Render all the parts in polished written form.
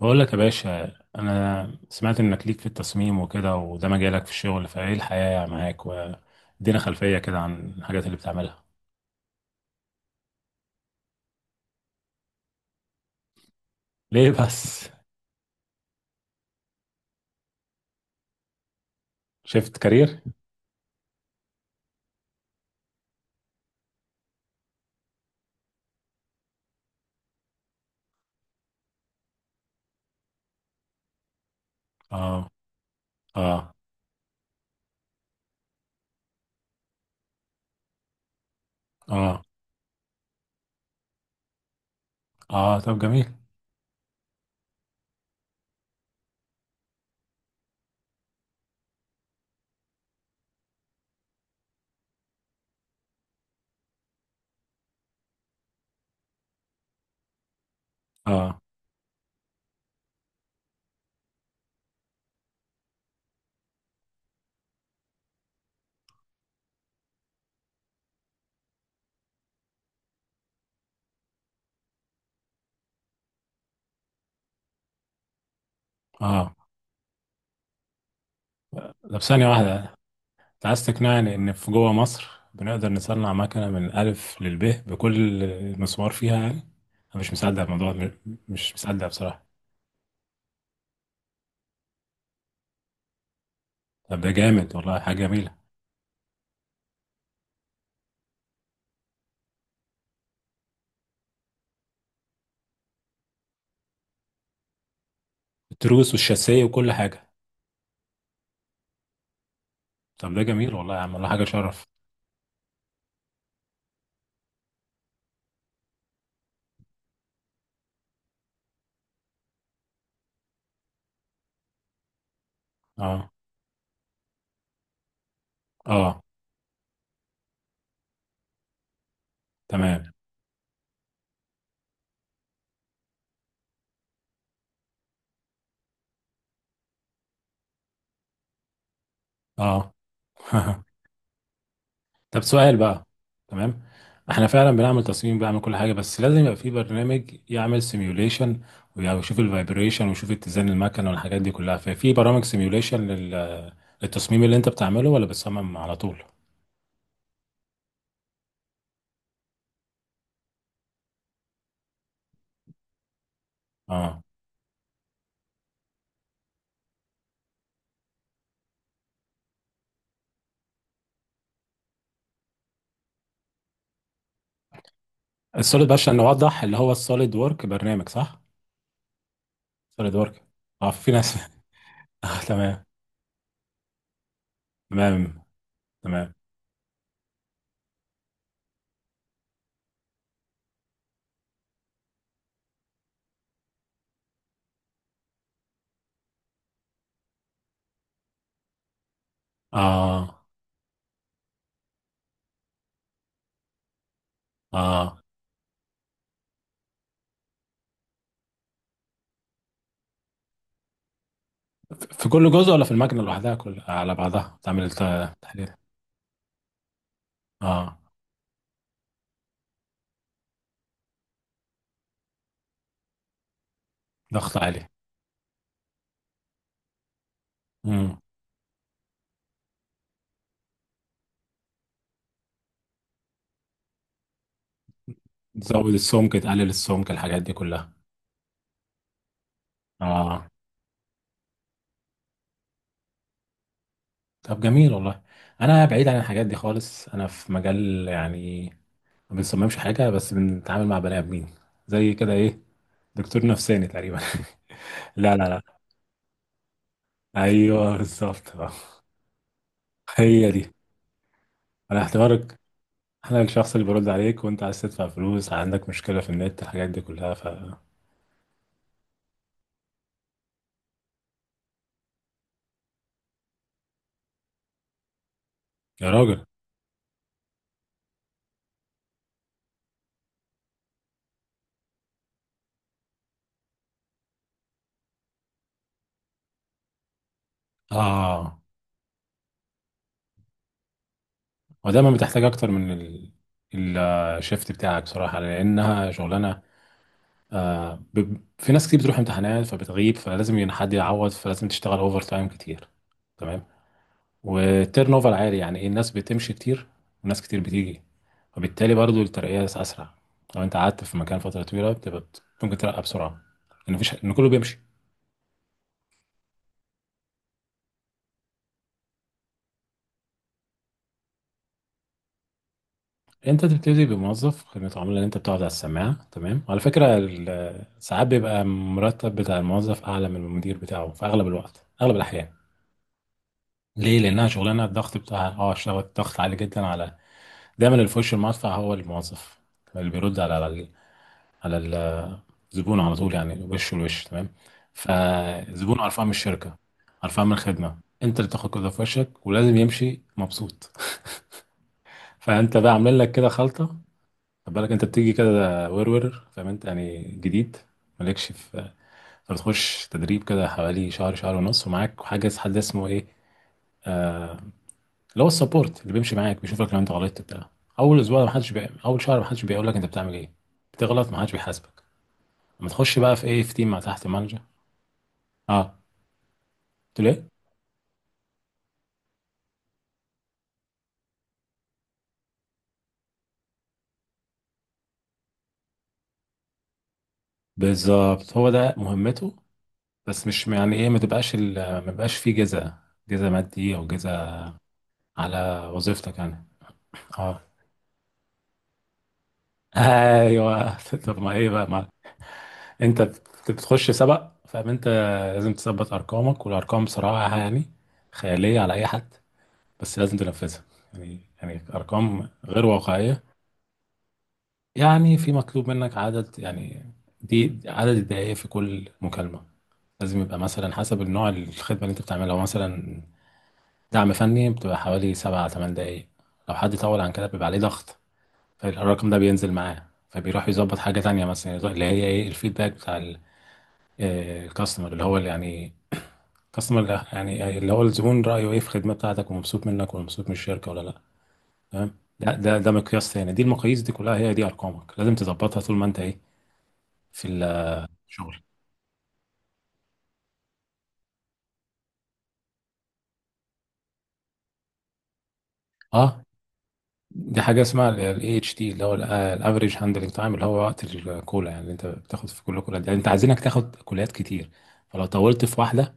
بقول لك يا باشا، انا سمعت انك ليك في التصميم وكده، وده مجالك في الشغل، فايه الحياة معاك؟ وادينا خلفية كده عن الحاجات اللي بتعملها. ليه بس؟ شفت كارير؟ اه، اه، اه، اه. طب جميل. اه، اه. طب ثانية واحدة. انت عايز تقنعني ان في جوه مصر بنقدر نصنع مكنة من الف للب بكل مسمار فيها؟ يعني انا مش مصدق الموضوع، مش مصدق بصراحة. طب ده جامد والله، حاجة جميلة. التروس والشاسية وكل حاجة؟ طب ده جميل والله يا عم، والله حاجة شرف. اه، اه، تمام. اه. طب سؤال بقى. تمام. احنا فعلا بنعمل تصميم، بنعمل كل حاجة، بس لازم يبقى في برنامج يعمل سيميوليشن، ويشوف الفايبريشن ويشوف اتزان المكن والحاجات دي كلها، ففي برامج سيميوليشن للتصميم اللي انت بتعمله، ولا بتصمم على طول؟ اه، السوليد بقى، عشان نوضح، اللي هو السوليد وورك، برنامج صح؟ سوليد وورك. اه، في ناس. اه، تمام. تمام. تمام. اه، اه. في كل جزء، ولا في المكنة لوحدها كل على بعضها تعمل التحليل؟ اه. ضغط عالي. امم تزود السمك، تقلل السمك، الحاجات دي كلها. اه. طب جميل والله. انا بعيد عن الحاجات دي خالص، انا في مجال يعني ما بنصممش حاجة، بس بنتعامل مع بني ادمين زي كده، ايه، دكتور نفساني تقريبا. لا، لا، لا. ايوه، بالظبط. آه. هي دي. انا اعتبرك انا الشخص اللي برد عليك وانت عايز تدفع فلوس، عندك مشكلة في النت، الحاجات دي كلها. ف... يا راجل. اه. ودايما بتحتاج اكتر من ال- الشيفت بتاعك بصراحه، لانها شغلانه. في ناس كتير بتروح امتحانات فبتغيب، فلازم حد يعوض، فلازم تشتغل اوفر تايم كتير. تمام. والتيرن اوفر عالي، يعني ايه، الناس بتمشي كتير، وناس كتير بتيجي، وبالتالي برضو الترقيه اسرع. لو انت قعدت في مكان فتره طويله، بتبقى ممكن ترقى بسرعه، لان مفيش، ان كله بيمشي. انت تبتدي بموظف خدمة عملاء، اللي انت بتقعد على السماعة، تمام؟ على فكرة، ساعات بيبقى المرتب بتاع الموظف اعلى من المدير بتاعه، في اغلب الوقت، اغلب الاحيان. ليه؟ لانها شغلانه الضغط بتاعها، اه، شغل الضغط عالي جدا، على... دايما اللي في وش المدفع هو الموظف، اللي بيرد على على الزبون على طول، يعني وش لوش. تمام. فالزبون قرفان من الشركة، قرفان من الخدمة، انت اللي تاخد كده في وشك، ولازم يمشي مبسوط. فانت بقى عامل لك كده خلطة. خد بالك، انت بتيجي كده ورور، فاهم انت، يعني جديد مالكش في... بتخش تدريب كده حوالي شهر، شهر ونص، ومعاك حاجه، حد اسمه ايه، اللي هو السبورت، اللي بيمشي معاك بيشوفك لو انت غلطت بتاع اول اسبوع ما حدش اول شهر ما حدش بيقول لك انت بتعمل ايه، بتغلط ما حدش بيحاسبك. لما تخش بقى في ايه، في تيم مع تحت مانجر. اه. قلت له ايه؟ بالظبط، هو ده مهمته. بس مش يعني ايه ما تبقاش ما يبقاش فيه جزاء، جزاء مادي او جزاء على وظيفتك يعني. اه، ايوه. طب ما ايه بقى. انت بتخش سبق، فانت لازم تثبت ارقامك، والارقام بصراحه يعني خياليه على اي حد، بس لازم تنفذها. يعني ارقام غير واقعيه. يعني في مطلوب منك عدد، يعني دي عدد الدقائق في كل مكالمه، لازم يبقى مثلا حسب النوع الخدمه اللي انت بتعملها. لو مثلا دعم فني بتبقى حوالي 7 8 دقائق، لو حد طول عن كده بيبقى عليه ضغط، فالرقم ده بينزل معاه، فبيروح يظبط حاجه تانية مثلا، اللي هي ايه، الفيدباك بتاع الكاستمر، اللي هو اللي يعني اصلا، لا يعني اللي هو الزبون رايه ايه في الخدمه بتاعتك، ومبسوط منك ولا مبسوط من الشركه، ولا لا. تمام. ده مقياس تاني، دي المقاييس دي كلها هي دي ارقامك لازم تظبطها طول ما انت ايه، في الشغل. اه. دي حاجه اسمها الـAHT، اللي هو الافريج هاندلنج تايم، اللي هو وقت الكولا، يعني اللي انت بتاخد في كل كولا، يعني انت عايزينك تاخد كولات كتير. فلو طولت في واحده،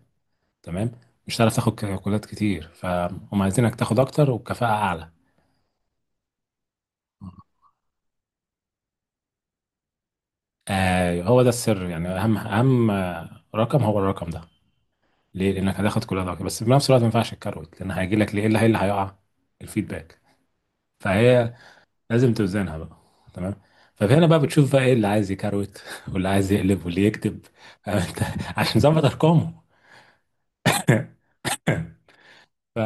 تمام، مش هتعرف تاخد كولات كتير، فهم عايزينك تاخد اكتر وبكفاءه اعلى. آه، هو ده السر، يعني اهم رقم هو الرقم ده. ليه؟ لانك هتاخد كل ده، بس في نفس الوقت ما ينفعش الكروت، لان هيجي لك، ليه، إيه اللي هيقع؟ الفيدباك. فهي لازم توزنها بقى. تمام. فهنا بقى بتشوف بقى ايه اللي عايز يكروت، واللي عايز يقلب، واللي يكتب، فاهم انت، عشان ظبط ارقامه. ف...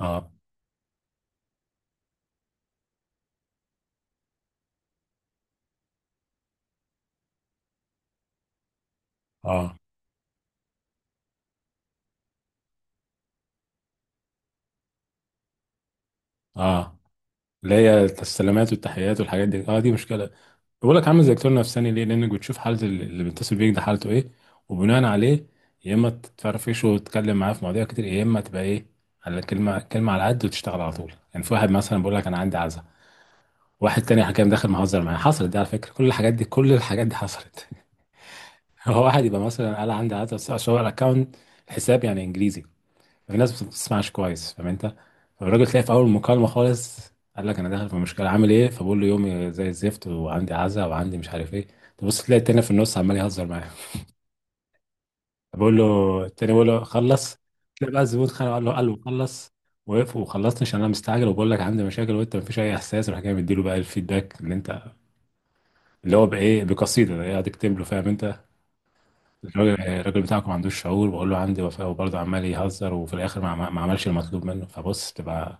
اه، اه، اه، اللي هي السلامات والتحيات والحاجات دي، اه، دي مشكله. بقول لك عامل زي دكتور نفساني، ليه؟ لانك بتشوف حاله اللي بيتصل بيك ده، حالته ايه، وبناء عليه يا اما تتفرفشه وتتكلم معاه في مواضيع كتير، يا اما تبقى ايه، على كلمه كلمه، على قد، وتشتغل على طول يعني. في واحد مثلا بيقول لك انا عندي عزا، واحد تاني حكام داخل مهزر معايا، حصلت دي على فكره، كل الحاجات دي حصلت. هو واحد يبقى مثلا قال عندي عزا، بس هو الاكونت، حساب يعني انجليزي، في ناس ما بتسمعش كويس، فاهم انت. فالراجل تلاقي في اول المكالمه خالص قال لك انا داخل في مشكله عامل ايه، فبقول له يومي زي الزفت، وعندي عزا، وعندي مش عارف ايه. تبص تلاقي التاني في النص عمال يهزر معاه، بقول له، التاني بقول له خلص. تلاقي بقى الزبون خانه قال له خلص، وقف، وخلصت عشان انا مستعجل وبقول لك عندي مشاكل وانت مفيش اي احساس، راح جاي مديله بقى الفيدباك اللي انت، اللي هو بايه بقصيده، ده قاعد يكتب له، فاهم انت. الراجل بتاعكم ما عندوش شعور، بقول له عندي وفاء وبرضه عمال يهزر، وفي الاخر ما عملش المطلوب منه، فبص بتبقى...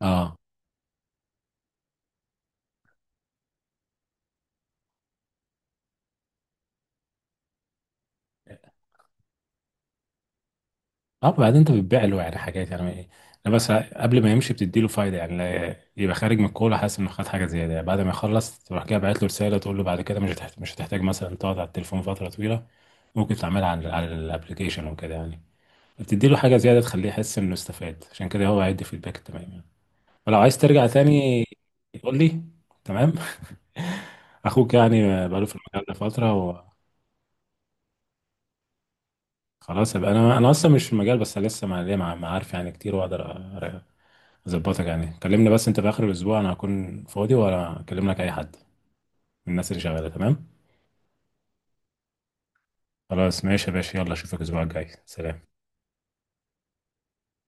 اه. اه. بعدين انت بتبيع له يعني حاجات، يعني ايه؟ انا بس قبل ما يمشي بتدي له فايده، يعني يبقى خارج من الكوره حاسس انه خد حاجه زياده يعني. بعد ما يخلص تروح كده باعت له رساله، تقول له بعد كده مش هتحتاج مثلا تقعد على التليفون فتره طويله، ممكن تعملها على الابلكيشن وكده يعني. بتدي له حاجه زياده تخليه يحس انه استفاد، عشان كده هو هيدي فيدباك تمام يعني. ولو عايز ترجع تاني قول لي. تمام. اخوك يعني بقاله في المجال ده فتره. وخلاص يبقى انا اصلا مش في المجال، بس لسه ما ليا معارف يعني كتير واقدر ظبطك يعني، كلمني بس انت في اخر الاسبوع انا هكون فاضي، ولا اكلم لك اي حد من الناس اللي شغاله. تمام. خلاص ماشي يا باشا، يلا اشوفك الاسبوع الجاي. سلام.